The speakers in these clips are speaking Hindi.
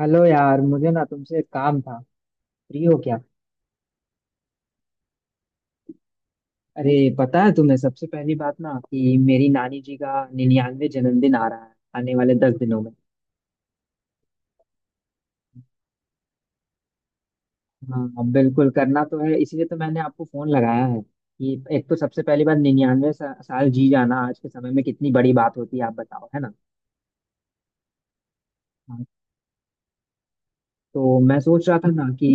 हेलो यार, मुझे ना तुमसे एक काम था। फ्री हो क्या? अरे, पता है तुम्हें सबसे पहली बात ना कि मेरी नानी जी का 99वां जन्मदिन आ रहा है, आने वाले 10 दिनों में। हाँ बिल्कुल, करना तो है, इसीलिए तो मैंने आपको फोन लगाया है कि एक तो सबसे पहली बात, 99 साल जी जाना आज के समय में कितनी बड़ी बात होती है, आप बताओ, है ना। हाँ, तो मैं सोच रहा था ना कि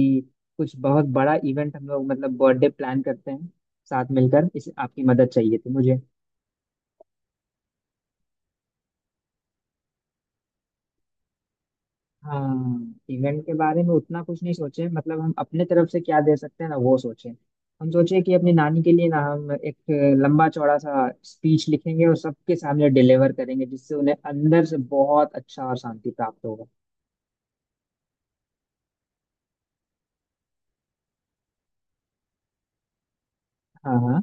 कुछ बहुत बड़ा इवेंट हम लोग मतलब बर्थडे प्लान करते हैं, साथ मिलकर। इस आपकी मदद चाहिए थी मुझे। हाँ, इवेंट के बारे में उतना कुछ नहीं सोचे, मतलब हम अपने तरफ से क्या दे सकते हैं ना वो सोचे। हम सोचे कि अपनी नानी के लिए ना हम एक लंबा चौड़ा सा स्पीच लिखेंगे और सबके सामने डिलीवर करेंगे, जिससे उन्हें अंदर से बहुत अच्छा और शांति प्राप्त होगा। हाँ हाँ,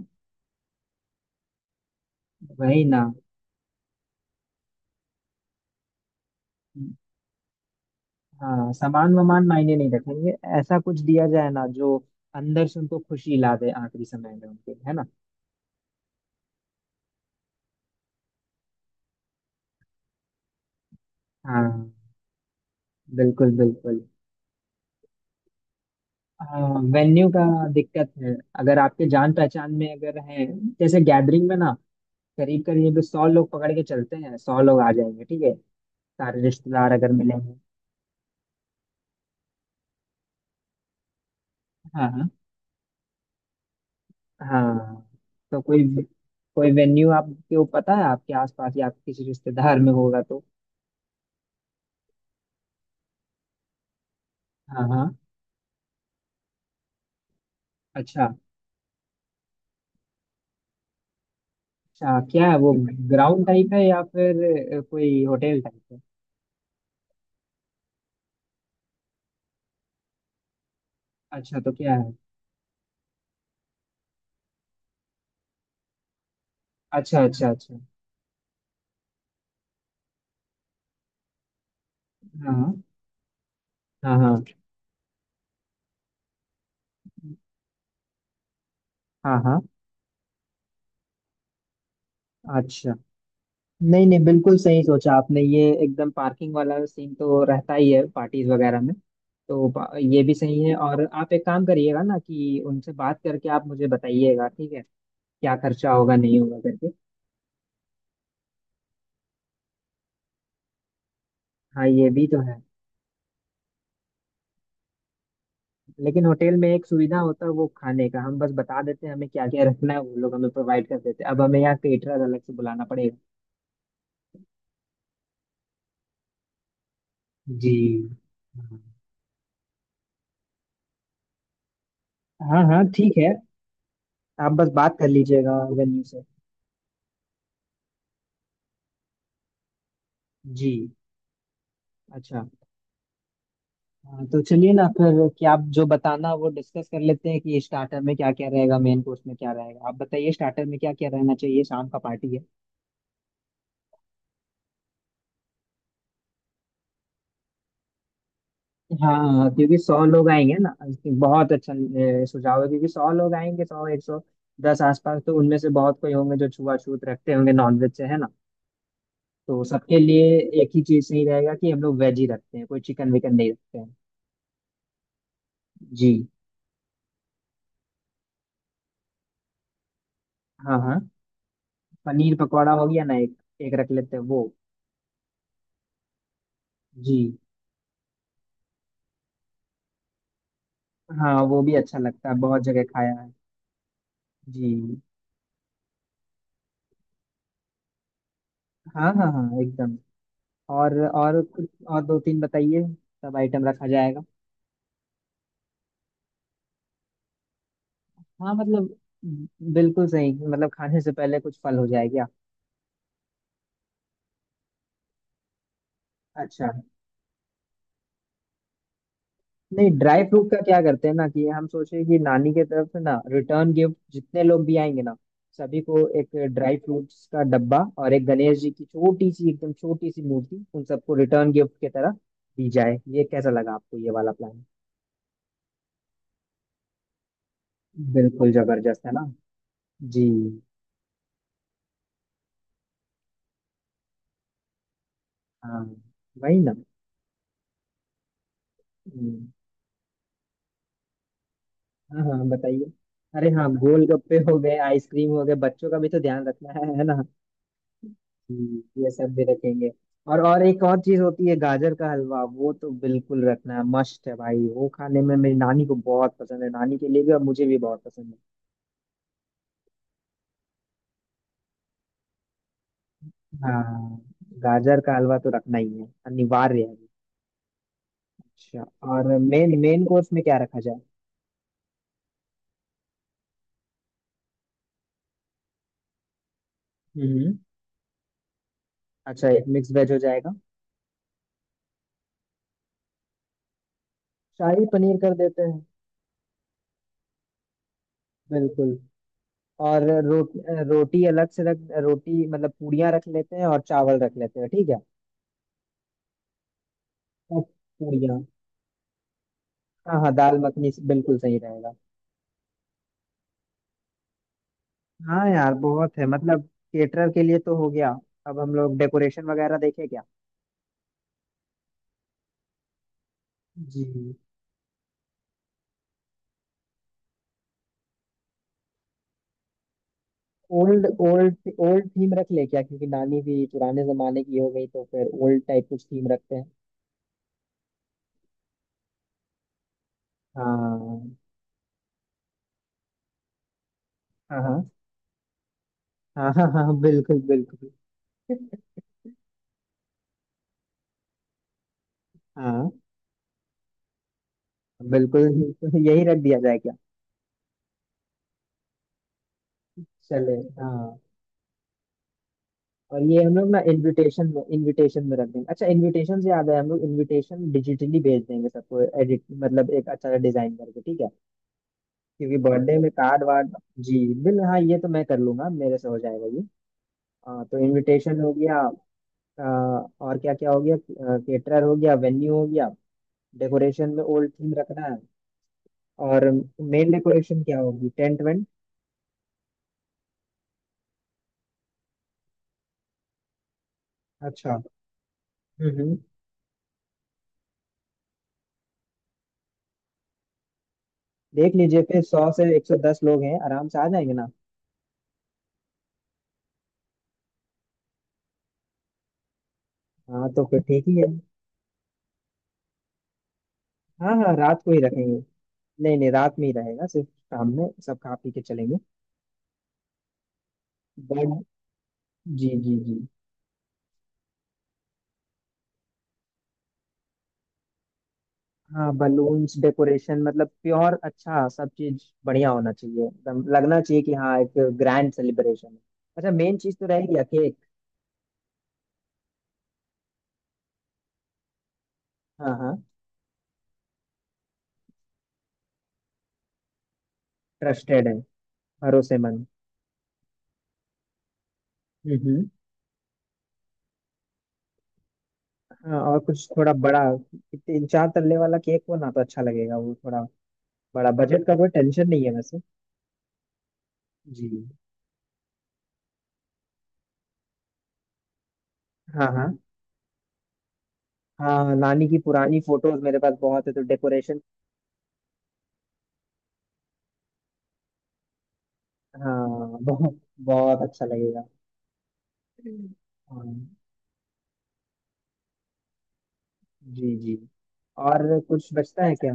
वही ना। हाँ, सामान वामान मायने नहीं रखेंगे। ऐसा कुछ दिया जाए ना जो अंदर से उनको खुशी ला दे, आखिरी समय में उनके, है ना। हाँ बिल्कुल बिल्कुल। हाँ, वेन्यू का दिक्कत है। अगर आपके जान पहचान में अगर है, जैसे गैदरिंग में ना करीब करीब 100 लोग पकड़ के चलते हैं। 100 लोग आ जाएंगे, ठीक है, सारे रिश्तेदार अगर मिलेंगे। हाँ हाँ। हाँ तो कोई कोई वेन्यू आपके वो पता है, आपके आसपास या आपके किसी रिश्तेदार में होगा तो। हाँ हाँ। अच्छा। अच्छा क्या है वो? ग्राउंड टाइप है या फिर कोई होटल टाइप है? अच्छा, तो क्या है? अच्छा अच्छा अच्छा। हाँ। हाँ हाँ। हाँ हाँ। अच्छा। नहीं नहीं, बिल्कुल सही सोचा आपने, ये एकदम। पार्किंग वाला सीन तो रहता ही है पार्टीज वगैरह में। तो पा- ये भी सही है। और आप एक काम करिएगा ना कि उनसे बात करके आप मुझे बताइएगा, ठीक है, क्या खर्चा होगा नहीं होगा करके। हाँ, ये भी तो है। लेकिन होटल में एक सुविधा होता है, वो खाने का हम बस बता देते हैं हमें क्या क्या रखना है, वो लोग हमें प्रोवाइड कर देते हैं। अब हमें यहाँ केटरर अलग से बुलाना पड़ेगा। जी। हाँ, हाँ हाँ ठीक है। आप बस बात कर लीजिएगा वेन्यू से। जी। अच्छा। हाँ, तो चलिए ना फिर कि आप जो बताना वो डिस्कस कर लेते हैं कि स्टार्टर में क्या क्या रहेगा, मेन कोर्स में क्या रहेगा। आप बताइए, स्टार्टर में क्या क्या रहना चाहिए, शाम का पार्टी है। हाँ, क्योंकि 100 लोग आएंगे ना। बहुत अच्छा सुझाव है, क्योंकि सौ लोग आएंगे, 100, 110 आसपास, तो उनमें से बहुत कोई होंगे जो छुआछूत रखते होंगे नॉनवेज से, है ना। तो सबके लिए एक ही चीज सही रहेगा कि हम लोग वेज ही रखते हैं, कोई चिकन विकन नहीं रखते हैं। जी। हाँ हाँ। पनीर पकौड़ा हो गया ना एक। एक रख लेते हैं वो। जी। हाँ, वो भी अच्छा लगता है, बहुत जगह खाया है। जी। हाँ हाँ हाँ एकदम। और कुछ, और दो तीन बताइए। सब आइटम रखा जाएगा। हाँ मतलब बिल्कुल सही, मतलब खाने से पहले कुछ फल हो जाए क्या। अच्छा। नहीं, ड्राई फ्रूट का क्या करते हैं ना कि हम सोचे कि नानी के तरफ से ना रिटर्न गिफ्ट, जितने लोग भी आएंगे ना सभी को एक ड्राई फ्रूट्स का डब्बा और एक गणेश जी की छोटी सी, एकदम छोटी सी मूर्ति उन सबको रिटर्न गिफ्ट की तरह दी जाए। ये कैसा लगा आपको, ये वाला प्लान? बिल्कुल जबरदस्त है ना। जी। हाँ, वही ना। हम्म, हाँ हाँ बताइए। अरे हाँ, गोलगप्पे हो गए, आइसक्रीम हो गए, बच्चों का भी तो ध्यान रखना है ना। ये सब भी रखेंगे। और एक और चीज होती है, गाजर का हलवा। वो तो बिल्कुल रखना है, मस्ट है भाई। वो खाने में मेरी नानी को बहुत पसंद है, नानी के लिए भी और मुझे भी बहुत पसंद है। हाँ, गाजर का हलवा तो रखना ही है, अनिवार्य है। अच्छा। और मेन मेन कोर्स में क्या रखा जाए? हम्म। अच्छा, एक मिक्स वेज हो जाएगा। शाही पनीर कर देते हैं। बिल्कुल। और रोटी अलग से रख, रोटी मतलब पूड़ियाँ रख लेते हैं, और चावल रख लेते हैं, ठीक है। और पूड़ियाँ। हाँ हाँ, दाल मखनी से बिल्कुल सही रहेगा। हाँ यार बहुत है मतलब। केटरर के लिए तो हो गया। अब हम लोग डेकोरेशन वगैरह देखें क्या? जी। Old old. ओल्ड थीम रख ले क्या, क्योंकि नानी भी पुराने जमाने की हो गई, तो फिर ओल्ड टाइप कुछ थीम रखते हैं। हाँ हाँ। हाँ हाँ। हाँ हाँ बिल्कुल बिल्कुल। हाँ बिल्कुल। यही रख दिया जाए क्या? चले। हाँ, और ये हम लोग ना इनविटेशन में रख देंगे। अच्छा, इनविटेशन से याद है, हम लोग इनविटेशन डिजिटली भेज देंगे सबको, एडिट मतलब एक अच्छा सा डिजाइन करके, ठीक है। क्योंकि बर्थडे में कार्ड वार्ड। जी। बिल हाँ, ये तो मैं कर लूंगा, मेरे से हो जाएगा ये। हाँ, तो इनविटेशन हो गया। अ, और क्या क्या हो गया, केटरर हो गया, वेन्यू हो गया, डेकोरेशन में ओल्ड थीम रखना है। और मेन डेकोरेशन क्या होगी, टेंट वेंट? अच्छा। हम्म। देख लीजिए फिर, 100 से 110 लोग हैं, आराम से आ जाएंगे ना। हाँ, तो फिर ठीक ही है। हाँ हाँ, रात को ही रखेंगे। नहीं नहीं, रात में ही रहेगा, सिर्फ शाम में सब खा पी के चलेंगे। बट। जी जी जी। हाँ, बलून्स डेकोरेशन, मतलब प्योर अच्छा सब चीज बढ़िया होना चाहिए, एकदम लगना चाहिए कि हाँ एक ग्रैंड सेलिब्रेशन है। अच्छा, मेन चीज तो रहेगी केक। हाँ हाँ। ट्रस्टेड है, भरोसेमंद। हम्म हम्म। हाँ, और कुछ थोड़ा बड़ा, तीन चार तल्ले वाला केक हो ना तो अच्छा लगेगा, वो थोड़ा बड़ा। बजट का कोई टेंशन नहीं है वैसे। जी। हाँ हाँ। हाँ, नानी की पुरानी फोटोज मेरे पास बहुत है, तो डेकोरेशन। हाँ बहुत। बहुत अच्छा लगेगा। हम्म। हाँ, जी जी। और कुछ बचता है क्या?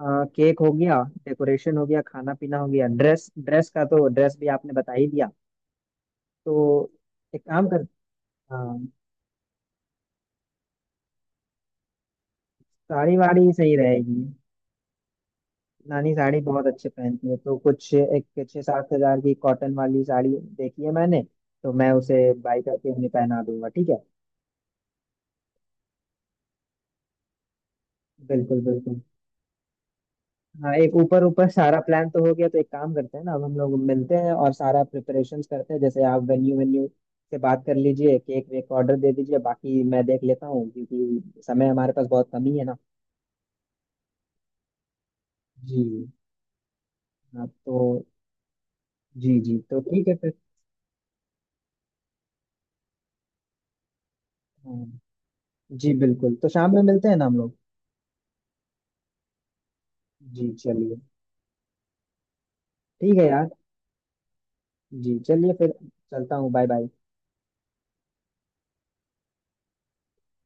केक हो गया, डेकोरेशन हो गया, खाना पीना हो गया, ड्रेस, ड्रेस का तो ड्रेस भी आपने बता ही दिया। तो एक काम कर। हाँ। साड़ी वाड़ी सही रहेगी। नानी साड़ी बहुत अच्छे पहनती है, तो कुछ एक 6-7 हज़ार की कॉटन वाली साड़ी देखी है मैंने, तो मैं उसे बाई करके उन्हें पहना दूंगा, ठीक है। बिल्कुल बिल्कुल। हाँ, एक ऊपर ऊपर सारा प्लान तो हो गया, तो एक काम करते हैं ना अब हम लोग मिलते हैं और सारा प्रिपरेशंस करते हैं। जैसे आप वेन्यू, वेन्यू से बात कर लीजिए, केक वेक का ऑर्डर दे दीजिए, बाकी मैं देख लेता हूँ, क्योंकि समय हमारे पास बहुत कम ही है ना। जी। हाँ तो। जी जी तो ठीक है फिर। हाँ। जी बिल्कुल, तो शाम में मिलते हैं ना हम लोग। जी चलिए। ठीक है यार। जी चलिए फिर। चलता हूँ, बाय बाय।